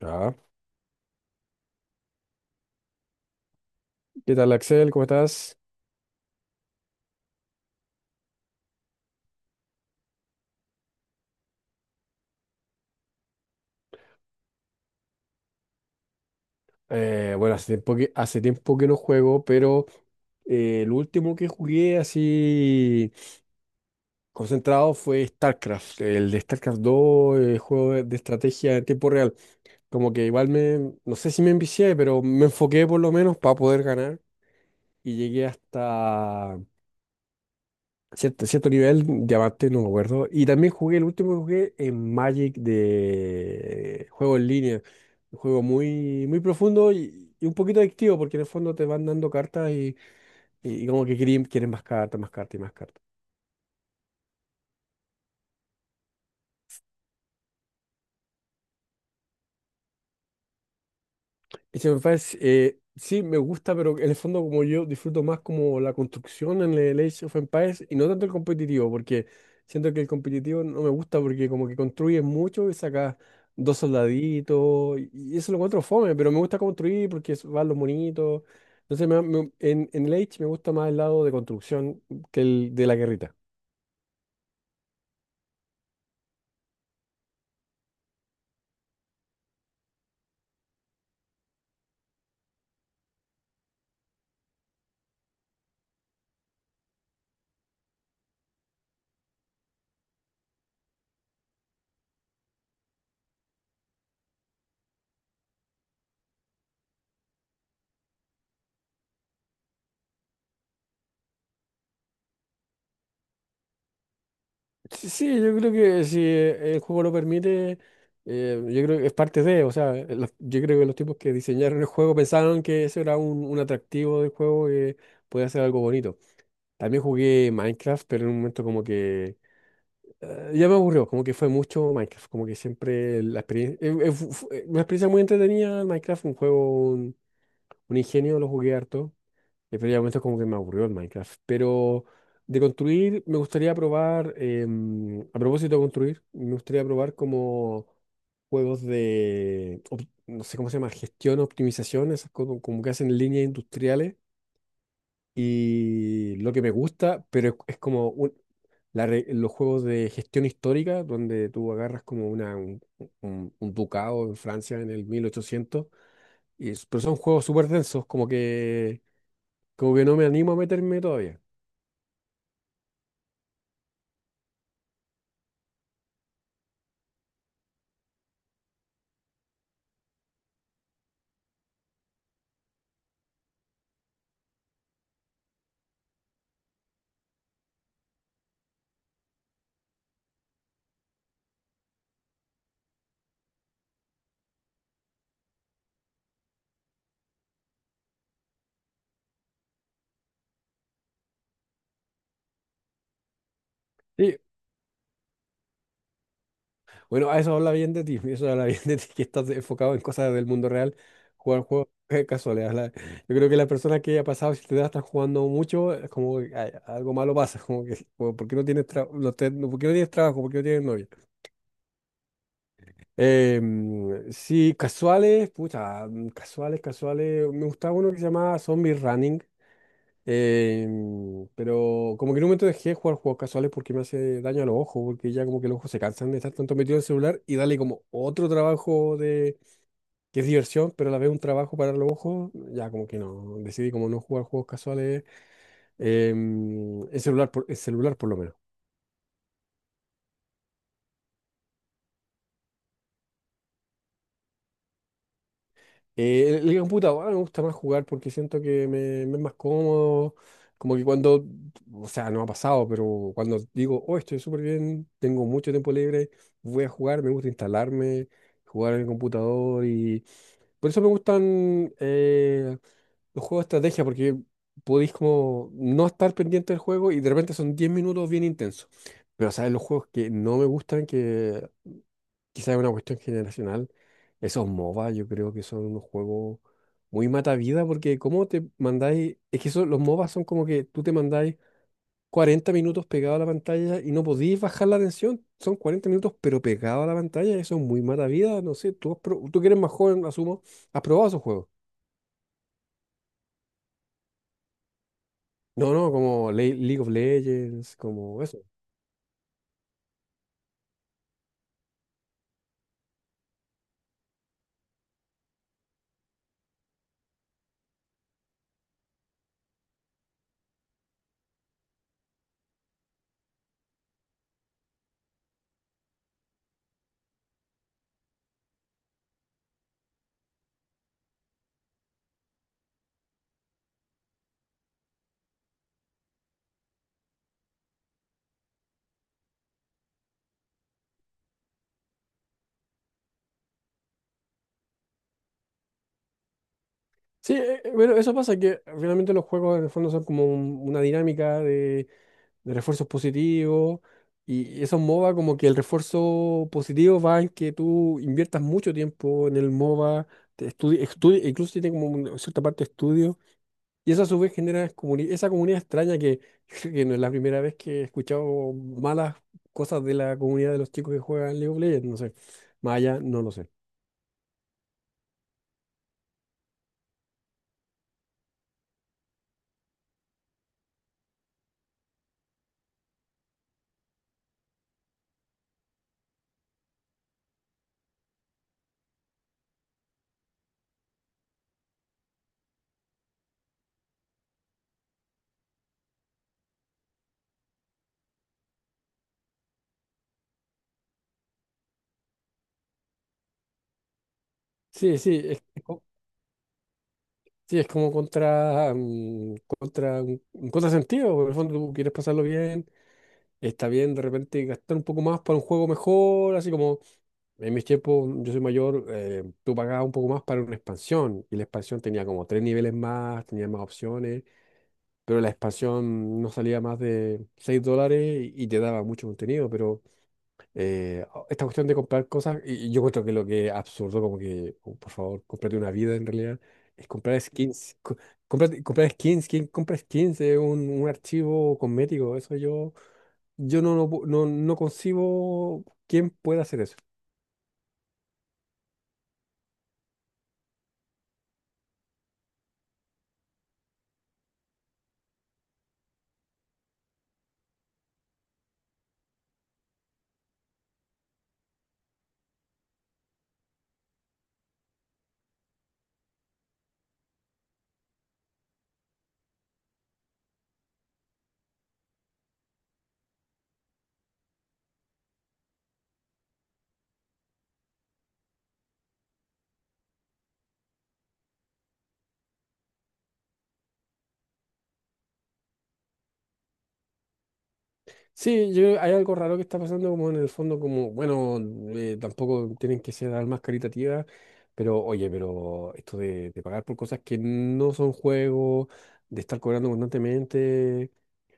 Ah, ¿Qué tal, Axel? ¿Cómo estás? Bueno, hace tiempo que no juego, pero el último que jugué así concentrado fue StarCraft, el de StarCraft dos, el juego de estrategia en tiempo real. Como que igual me, no sé si me envicié, pero me enfoqué por lo menos para poder ganar y llegué hasta cierto nivel, diamante, no me acuerdo. Y también jugué, el último que jugué en Magic de juego en línea. Un juego muy, muy profundo y un poquito adictivo, porque en el fondo te van dando cartas y como que quieren más cartas y más cartas. Age of Empires, sí, me gusta, pero en el fondo como yo disfruto más como la construcción en el Age of Empires y no tanto el competitivo, porque siento que el competitivo no me gusta porque como que construyes mucho y sacas dos soldaditos y eso lo encuentro fome, pero me gusta construir porque van los monitos. Entonces en el Age me gusta más el lado de construcción que el de la guerrita. Sí, sí, yo creo que si el juego lo permite, yo creo que es parte de, o sea, yo creo que los tipos que diseñaron el juego pensaron que eso era un atractivo del juego que podía ser algo bonito. También jugué Minecraft, pero en un momento como que ya me aburrió, como que fue mucho Minecraft, como que siempre la experiencia, una experiencia muy entretenida, Minecraft, un juego, un ingenio, lo jugué harto. Pero ya momento como que me aburrió el Minecraft. Pero de construir, me gustaría probar, a propósito de construir, me gustaría probar como juegos de, no sé cómo se llama, gestión, optimización, esas como que hacen líneas industriales. Y lo que me gusta, pero es como los juegos de gestión histórica, donde tú agarras como un ducado en Francia en el 1800. Pero son juegos súper densos, como que no me animo a meterme todavía. Sí, bueno, a eso habla bien de ti, eso habla bien de ti, que estás enfocado en cosas del mundo real, jugar juegos casuales. Yo creo que las personas que ha pasado, si te das, están jugando mucho, es como que ay, algo malo pasa, ¿por qué no tienes, tra- no te- no- ¿por qué no tienes trabajo? ¿Por qué no tienes novia? Sí, casuales, pucha, casuales, casuales. Me gustaba uno que se llamaba Zombie Running. Pero como que en un momento dejé de jugar juegos casuales porque me hace daño a los ojos, porque ya como que los ojos se cansan de estar tanto metido en el celular y darle como otro trabajo de que es diversión, pero a la vez un trabajo para los ojos, ya como que no, decidí como no jugar juegos casuales en celular por lo menos. El computador me gusta más jugar porque siento que me es más cómodo. Como que cuando, o sea, no ha pasado, pero cuando digo, oh, estoy súper bien, tengo mucho tiempo libre, voy a jugar, me gusta instalarme, jugar en el computador y por eso me gustan los juegos de estrategia porque podéis como no estar pendiente del juego y de repente son 10 minutos bien intensos. Pero, ¿sabes? Los juegos que no me gustan, que quizás es una cuestión generacional. Esos MOBA yo creo que son unos juegos muy mata vida porque cómo te mandáis, es que eso, los MOBA son como que tú te mandáis 40 minutos pegado a la pantalla y no podéis bajar la atención. Son 40 minutos pero pegado a la pantalla, eso es muy mata vida, no sé, tú, tú que eres más joven, asumo, has probado esos juegos. No, no, como League of Legends, como eso. Sí, bueno, eso pasa que finalmente los juegos en el fondo son como una dinámica de refuerzos positivos. Y esos MOBA, como que el refuerzo positivo va en que tú inviertas mucho tiempo en el MOBA, incluso tiene como una cierta parte de estudio. Y eso a su vez genera esa comunidad extraña que, yo creo que no es la primera vez que he escuchado malas cosas de la comunidad de los chicos que juegan League of Legends, no sé. Más allá, no lo sé. Sí, sí, sí, es como contra, contra un contrasentido. Porque en el fondo tú quieres pasarlo bien. Está bien de repente gastar un poco más para un juego mejor, así como en mis tiempos, yo soy mayor, tú pagabas un poco más para una expansión y la expansión tenía como tres niveles más, tenía más opciones, pero la expansión no salía más de $6 y te daba mucho contenido, pero esta cuestión de comprar cosas, y yo encuentro que lo que es absurdo, como que, oh, por favor, cómprate una vida en realidad, es comprar skins. Comprar skins, ¿quién compra skins? Es un archivo cosmético, eso yo, yo no, no, no concibo quién puede hacer eso. Sí, yo, hay algo raro que está pasando como en el fondo, como, bueno, tampoco tienen que ser almas caritativas, pero oye, pero esto de pagar por cosas que no son juegos, de estar cobrando constantemente,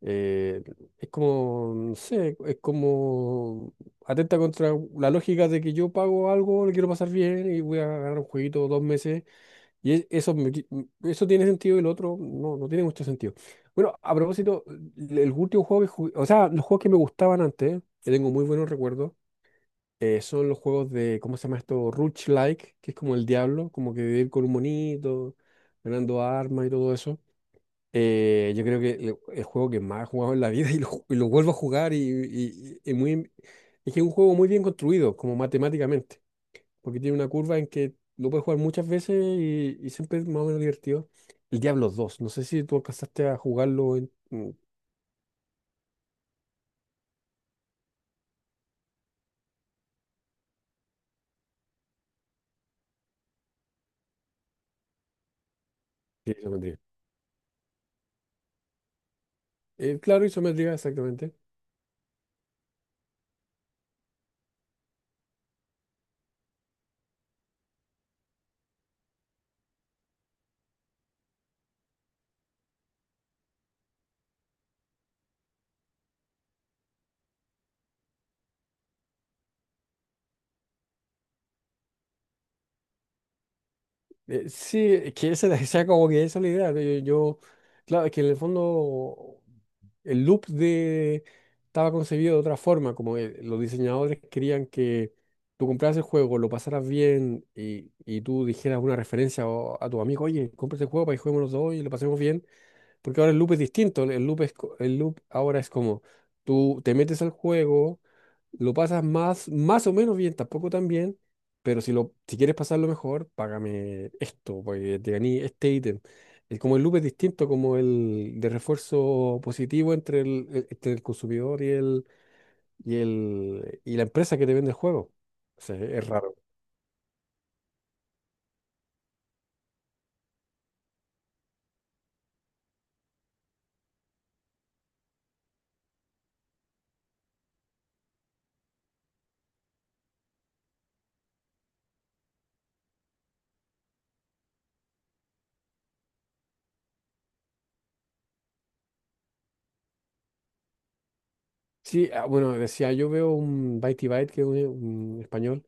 eh, es como, no sé, es como atenta contra la lógica de que yo pago algo, lo quiero pasar bien y voy a ganar un jueguito 2 meses. Y es- eso, me qui- m- Eso tiene sentido y el otro no, no tiene mucho sentido. Bueno, a propósito, el último juego que jugué, o sea, los juegos que me gustaban antes, que tengo muy buenos recuerdos, son los juegos de, ¿cómo se llama esto? Roguelike, que es como el Diablo, como que vivir con un monito, ganando armas y todo eso. Yo creo que el juego que más he jugado en la vida, y y lo vuelvo a jugar es que es un juego muy bien construido, como matemáticamente, porque tiene una curva en que lo puedes jugar muchas veces y siempre es más o menos divertido. El Diablo dos, no sé si tú alcanzaste a jugarlo. Sí, isometría. Claro, isometría, exactamente. Sí, es que esa como que esa es la idea. Yo, claro, es que en el fondo el loop de estaba concebido de otra forma, como los diseñadores querían que tú compraras el juego, lo pasaras bien y tú dijeras una referencia a tu amigo, oye, compra este juego para que juguemos los dos y lo pasemos bien. Porque ahora el loop es distinto. El loop, el loop ahora es como tú te metes al juego, lo pasas más o menos bien, tampoco tan bien, pero si quieres pasarlo mejor, págame esto, porque te gané este ítem. Es como el loop es distinto, como el de refuerzo positivo entre entre el consumidor y la empresa que te vende el juego. O sea, es raro. Sí, ah, bueno, decía, yo veo un Bytey Byte, que es un español.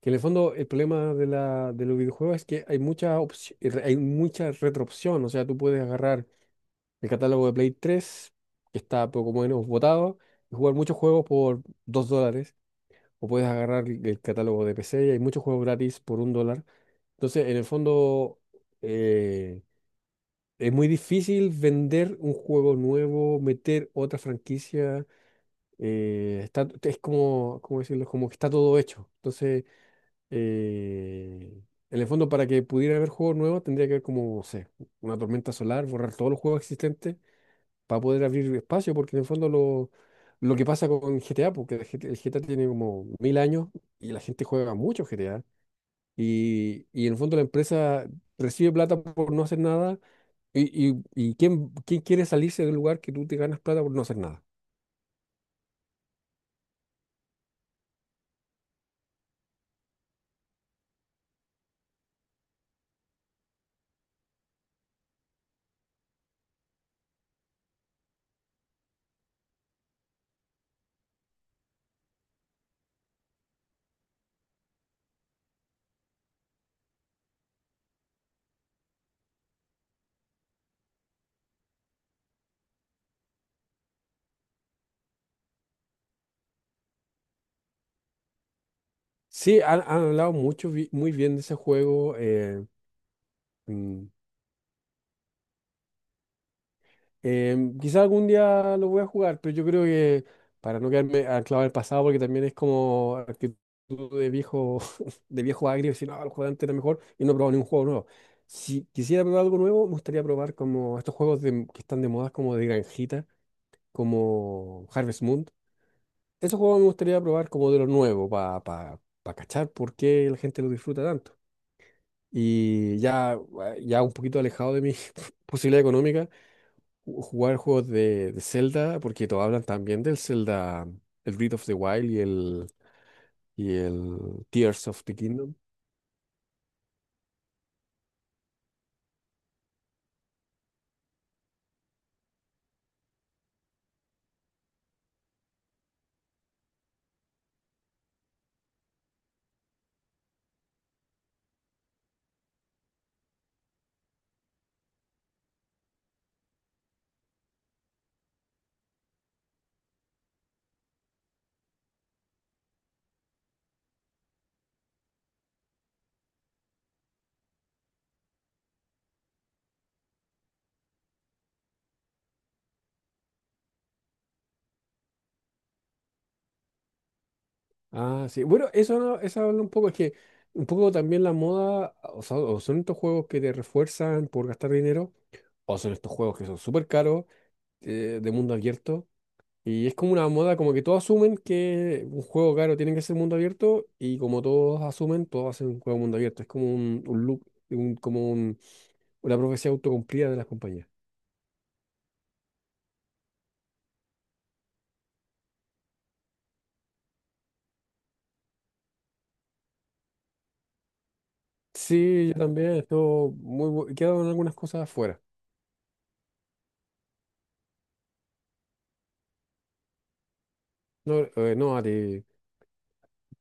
Que en el fondo el problema de los videojuegos es que hay mucha hay mucha retroopción. O sea, tú puedes agarrar el catálogo de Play 3, que está poco menos votado, y jugar muchos juegos por $2. O puedes agarrar el catálogo de PC y hay muchos juegos gratis por $1. Entonces, en el fondo, eh, es muy difícil vender un juego nuevo, meter otra franquicia. Está, es como, ¿cómo decirlo? Como que está todo hecho. Entonces eh, en el fondo, para que pudiera haber juegos nuevos, tendría que haber como, no sé, una tormenta solar, borrar todos los juegos existentes para poder abrir espacio, porque en el fondo lo que pasa con GTA, porque el el GTA tiene como mil años y la gente juega mucho GTA, y en el fondo la empresa recibe plata por no hacer nada, y ¿quién, quién quiere salirse del lugar que tú te ganas plata por no hacer nada? Sí, han hablado mucho, muy bien de ese juego. Mm, Quizá algún día lo voy a jugar, pero yo creo que para no quedarme anclado en el pasado, porque también es como actitud de viejo, de viejo agrio, decir, no, el juego de antes era mejor y no he probado ni un juego nuevo. Si quisiera probar algo nuevo, me gustaría probar como estos juegos que están de moda, como de granjita, como Harvest Moon. Esos juegos me gustaría probar como de lo nuevo, para pa, pa pa cachar por qué la gente lo disfruta tanto. Y ya, ya un poquito alejado de mi posibilidad económica jugar juegos de Zelda, porque todos hablan también del Zelda, el Breath of the Wild y el Tears of the Kingdom. Ah, sí. Bueno, eso, eso habla un poco, es que un poco también la moda, o sea, o son estos juegos que te refuerzan por gastar dinero, o son estos juegos que son súper caros, de mundo abierto. Y es como una moda, como que todos asumen que un juego caro tiene que ser mundo abierto, y como todos asumen, todos hacen un juego mundo abierto. Es como un loop, un- como un- una profecía autocumplida de las compañías. Sí, yo también, estuvo muy. Quedaron algunas cosas afuera. No, no, a ti.